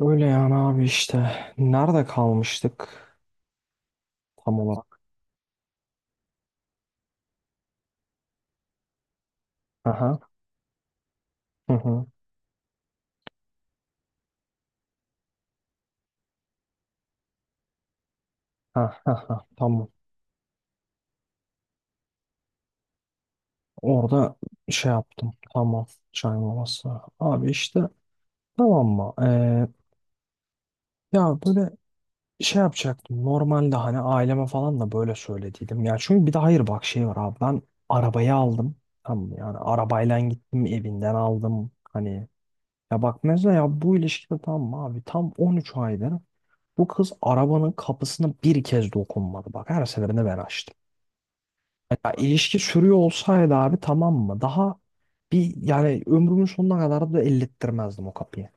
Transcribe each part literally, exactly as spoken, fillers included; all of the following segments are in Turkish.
Öyle yani abi işte. Nerede kalmıştık tam olarak? Aha. Hı hı. Ha, ha, ha. Tamam. Orada şey yaptım. Tamam. Çay molası. Abi işte tamam mı? Ee, ya böyle şey yapacaktım. Normalde hani aileme falan da böyle söylediydim. Ya çünkü bir de hayır bak şey var abi. Ben arabayı aldım. Tamam mı? Yani arabayla gittim evinden aldım. Hani ya bak mesela ya bu ilişkide tam mı abi tam on üç aydır bu kız arabanın kapısına bir kez dokunmadı. Bak her seferinde ben açtım. Ya ilişki sürüyor olsaydı abi tamam mı? Daha bir yani ömrümün sonuna kadar da ellettirmezdim o kapıyı.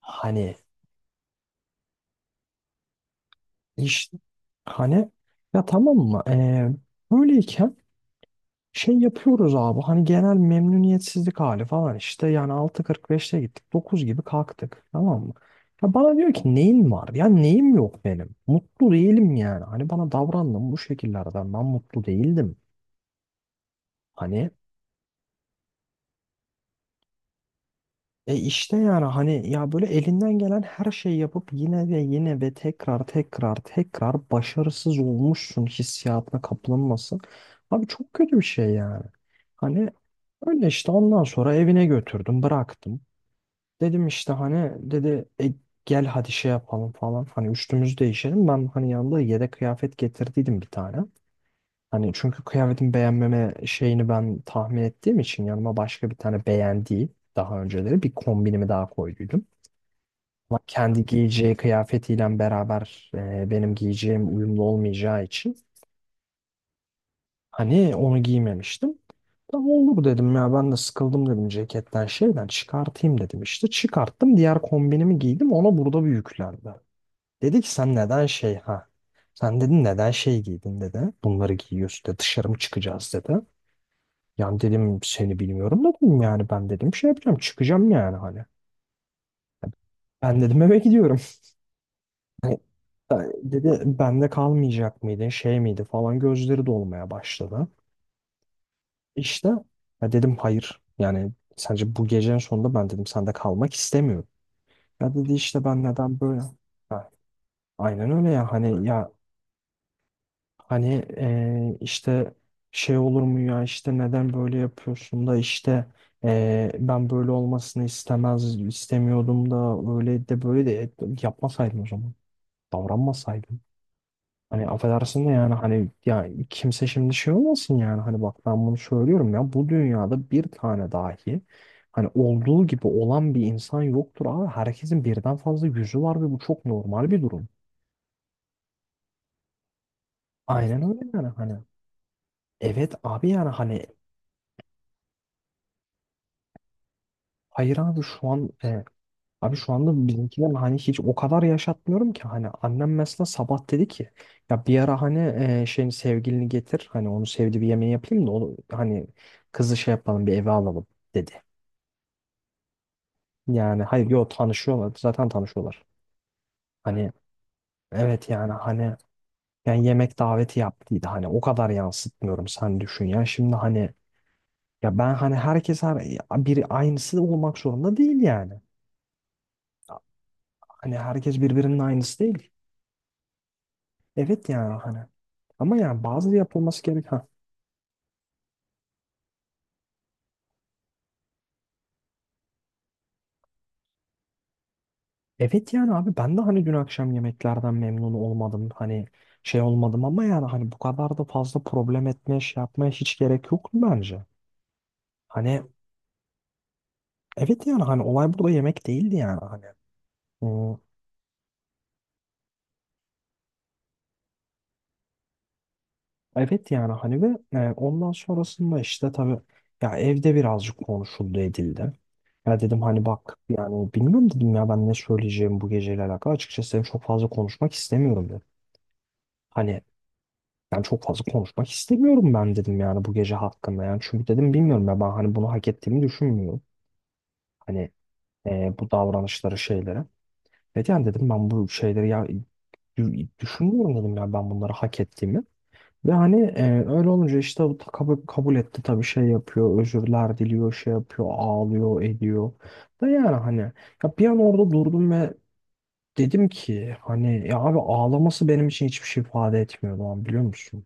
Hani işte hani ya tamam mı? Ee, böyleyken şey yapıyoruz abi hani genel memnuniyetsizlik hali falan işte yani altı kırk beşte gittik dokuz gibi kalktık tamam mı? Ya bana diyor ki neyin var? Ya neyim yok benim. Mutlu değilim yani. Hani bana davrandım bu şekillerden ben mutlu değildim. Hani e işte yani hani ya böyle elinden gelen her şeyi yapıp yine ve yine ve tekrar tekrar tekrar başarısız olmuşsun hissiyatına kapılınmasın. Abi çok kötü bir şey yani. Hani öyle işte ondan sonra evine götürdüm, bıraktım. Dedim işte hani dedi "E, gel hadi şey yapalım falan." Hani üstümüzü değişelim. Ben hani yanında yedek kıyafet getirdiydim bir tane. Hani çünkü kıyafetin beğenmeme şeyini ben tahmin ettiğim için yanıma başka bir tane beğendiği daha önceleri bir kombinimi daha koyduydum. Ama kendi giyeceği kıyafetiyle beraber e, benim giyeceğim uyumlu olmayacağı için hani onu giymemiştim. Tamam olur dedim ya ben de sıkıldım dedim ceketten şeyden çıkartayım dedim işte. Çıkarttım diğer kombinimi giydim ona burada bir yüklendi. Dedi ki sen neden şey ha. Sen dedin neden şey giydin dedi. Bunları giyiyorsun dedi dışarı mı çıkacağız dedi. Yani dedim seni bilmiyorum dedim yani ben dedim şey yapacağım çıkacağım yani hani. Ben dedim eve gidiyorum. Dedi bende kalmayacak mıydın şey miydi falan gözleri dolmaya başladı. İşte ya dedim hayır. Yani sence bu gecenin sonunda ben dedim sende kalmak istemiyorum. Ya dedi işte ben neden böyle? Ha, aynen öyle ya hani ya hani eee, işte şey olur mu ya işte neden böyle yapıyorsun da işte eee, ben böyle olmasını istemez istemiyordum da öyle de böyle de yapmasaydın o zaman. Davranmasaydın. Hani affedersin de yani hani ya kimse şimdi şey olmasın yani hani bak ben bunu söylüyorum ya bu dünyada bir tane dahi hani olduğu gibi olan bir insan yoktur abi herkesin birden fazla yüzü var ve bu çok normal bir durum. Aynen öyle yani hani evet abi yani hani hayır abi şu an e, abi şu anda bizimkiler hani hiç o kadar yaşatmıyorum ki hani annem mesela sabah dedi ki ya bir ara hani e, şeyin sevgilini getir hani onu sevdiği bir yemeği yapayım da onu hani kızı şey yapalım bir eve alalım dedi. Yani hayır yo tanışıyorlar. Zaten tanışıyorlar. Hani evet yani hani yani yemek daveti yaptıydı. Hani o kadar yansıtmıyorum sen düşün ya. Şimdi hani ya ben hani herkes her biri aynısı olmak zorunda değil yani. Hani herkes birbirinin aynısı değil. Evet yani hani. Ama yani bazı yapılması gerek. Ha. Evet yani abi ben de hani dün akşam yemeklerden memnun olmadım. Hani şey olmadım ama yani hani bu kadar da fazla problem etmeye şey yapmaya hiç gerek yok bence. Hani evet yani hani olay burada yemek değildi yani hani. Hmm, evet yani hani ve e, ondan sonrasında işte tabii ya evde birazcık konuşuldu edildi. Ya dedim hani bak yani bilmiyorum dedim ya ben ne söyleyeceğim bu geceyle alakalı. Açıkçası dedim çok fazla konuşmak istemiyorum dedim. Hani ben çok fazla konuşmak istemiyorum ben dedim yani bu gece hakkında yani. Çünkü dedim bilmiyorum ya ben hani bunu hak ettiğimi düşünmüyorum. Hani e, bu davranışları şeylere. Evet yani dedim ben bu şeyleri ya düşünmüyorum dedim ya ben bunları hak ettiğimi. Ve hani e, öyle olunca işte bu kabul, kabul etti tabii şey yapıyor, özürler diliyor, şey yapıyor, ağlıyor, ediyor. Ve yani hani ya bir an orada durdum ve dedim ki hani ya abi ağlaması benim için hiçbir şey ifade etmiyor o an biliyor musun?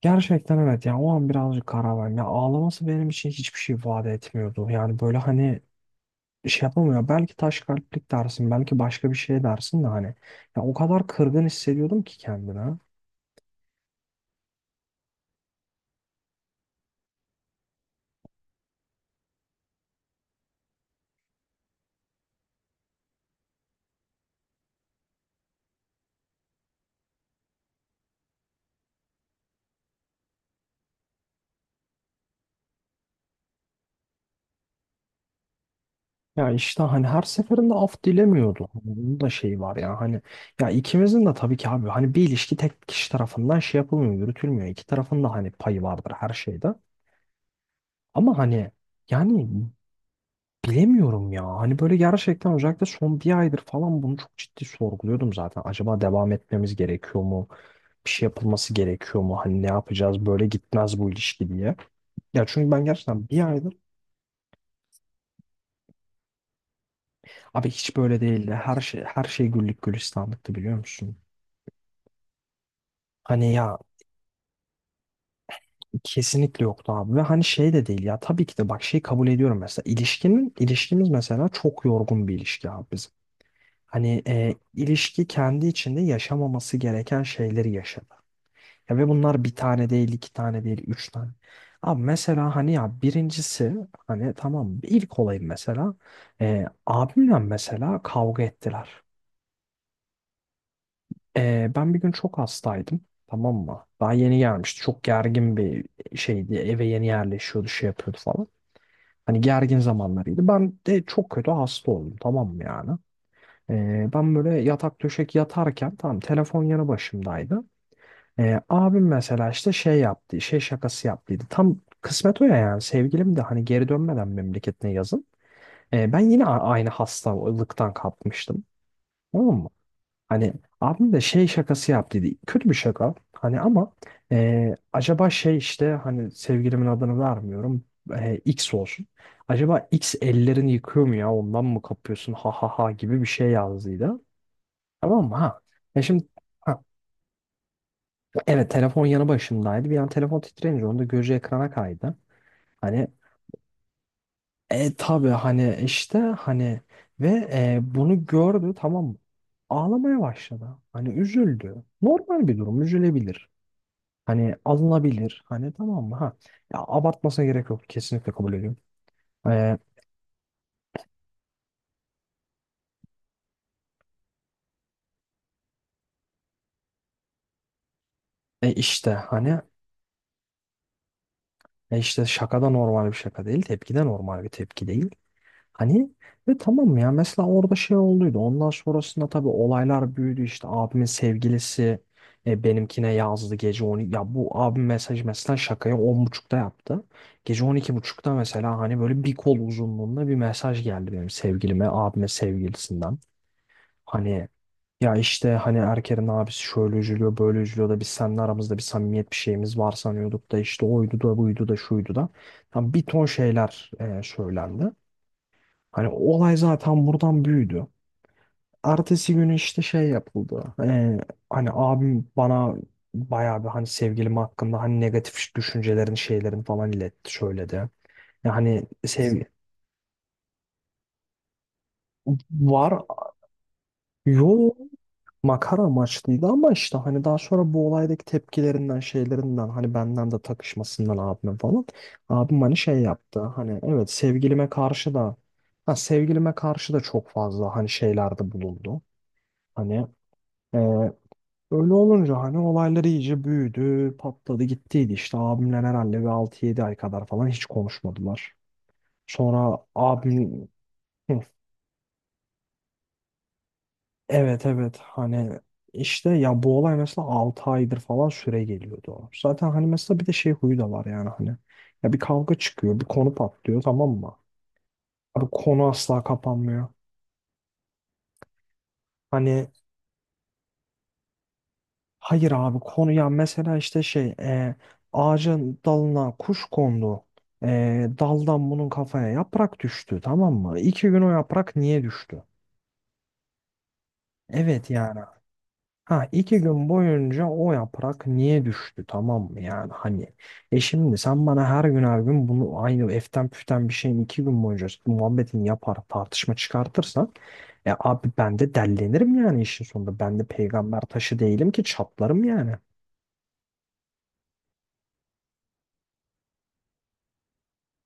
Gerçekten evet yani o an birazcık karar verdim. Ya ağlaması benim için hiçbir şey ifade etmiyordu. Yani böyle hani şey yapamıyor. Belki taş kalplik dersin, belki başka bir şey dersin de hani. Ya o kadar kırgın hissediyordum ki kendime. Ya işte hani her seferinde af dilemiyordu. Bunun da şeyi var ya hani ya ikimizin de tabii ki abi hani bir ilişki tek kişi tarafından şey yapılmıyor, yürütülmüyor. İki tarafın da hani payı vardır her şeyde. Ama hani yani bilemiyorum ya. Hani böyle gerçekten özellikle son bir aydır falan bunu çok ciddi sorguluyordum zaten. Acaba devam etmemiz gerekiyor mu? Bir şey yapılması gerekiyor mu? Hani ne yapacağız? Böyle gitmez bu ilişki diye. Ya çünkü ben gerçekten bir aydır abi hiç böyle değildi. Her şey her şey güllük gülistanlıktı biliyor musun? Hani ya kesinlikle yoktu abi ve hani şey de değil ya tabii ki de bak şey kabul ediyorum mesela ilişkinin ilişkimiz mesela çok yorgun bir ilişki abi bizim. Hani e, ilişki kendi içinde yaşamaması gereken şeyleri yaşadı. Ya ve bunlar bir tane değil iki tane değil üç tane. Abi mesela hani ya birincisi hani tamam ilk olayım mesela e, abimle mesela kavga ettiler. E, ben bir gün çok hastaydım tamam mı? Daha yeni gelmişti çok gergin bir şeydi eve yeni yerleşiyordu şey yapıyordu falan. Hani gergin zamanlarıydı. Ben de çok kötü hasta oldum tamam mı yani? Ee, ben böyle yatak döşek yatarken tamam telefon yanı başımdaydı. Ee, abim mesela işte şey yaptı, şey şakası yaptıydı. Tam kısmet o ya yani sevgilim de hani geri dönmeden memleketine yazın. Ee, ben yine a- aynı hastalıktan kapmıştım. Tamam hani abim de şey şakası yaptıydı. Kötü bir şaka. Hani ama e, acaba şey işte hani sevgilimin adını vermiyorum. E, X olsun. Acaba X ellerini yıkıyor mu ya ondan mı kapıyorsun ha ha ha gibi bir şey yazdıydı. Tamam mı ha? Ya şimdi ha, evet telefon yanı başımdaydı. Bir an telefon titreyince onun da gözü ekrana kaydı. Hani e tabii hani işte hani ve e, bunu gördü tamam mı? Ağlamaya başladı. Hani üzüldü. Normal bir durum üzülebilir. Hani alınabilir. Hani tamam mı? Ha. Ya abartmasına gerek yok. Kesinlikle kabul ediyorum. Ee, e işte hani e işte şaka da normal bir şaka değil. Tepki de normal bir tepki değil. Hani ve tamam ya mesela orada şey olduydu. Ondan sonrasında tabii olaylar büyüdü. İşte abimin sevgilisi e, benimkine yazdı gece on. Ya bu abim mesaj mesela şakayı on buçukta yaptı. Gece on iki buçukta mesela hani böyle bir kol uzunluğunda bir mesaj geldi benim sevgilime, abime sevgilisinden. Hani ya işte hani Erker'in abisi şöyle üzülüyor böyle üzülüyor da biz seninle aramızda bir samimiyet bir şeyimiz var sanıyorduk da işte oydu da buydu da şuydu da. Tam bir ton şeyler e, söylendi. Hani olay zaten buradan büyüdü. Ertesi günü işte şey yapıldı. E, hani abim bana bayağı bir hani sevgilim hakkında hani negatif düşüncelerini şeylerini falan iletti söyledi. Yani sev var. Yo, makara amaçlıydı ama işte hani daha sonra bu olaydaki tepkilerinden şeylerinden hani benden de takışmasından abime falan abim hani şey yaptı hani evet sevgilime karşı da ha, sevgilime karşı da çok fazla hani şeylerde bulundu hani e, öyle olunca hani olaylar iyice büyüdü patladı gittiydi işte abimle herhalde bir altı yedi ay kadar falan hiç konuşmadılar sonra abim. Evet evet hani işte ya bu olay mesela altı aydır falan süre geliyordu. Zaten hani mesela bir de şey huyu da var yani hani ya bir kavga çıkıyor bir konu patlıyor tamam mı? Abi konu asla kapanmıyor. Hani hayır abi konu ya mesela işte şey e, ağacın dalına kuş kondu. E, daldan bunun kafaya yaprak düştü tamam mı? İki gün o yaprak niye düştü? Evet yani ha iki gün boyunca o yaprak niye düştü tamam mı yani hani e şimdi sen bana her gün her gün bunu aynı eften püften bir şeyin iki gün boyunca muhabbetini yapar tartışma çıkartırsan e abi ben de dellenirim yani işin sonunda ben de peygamber taşı değilim ki çatlarım yani.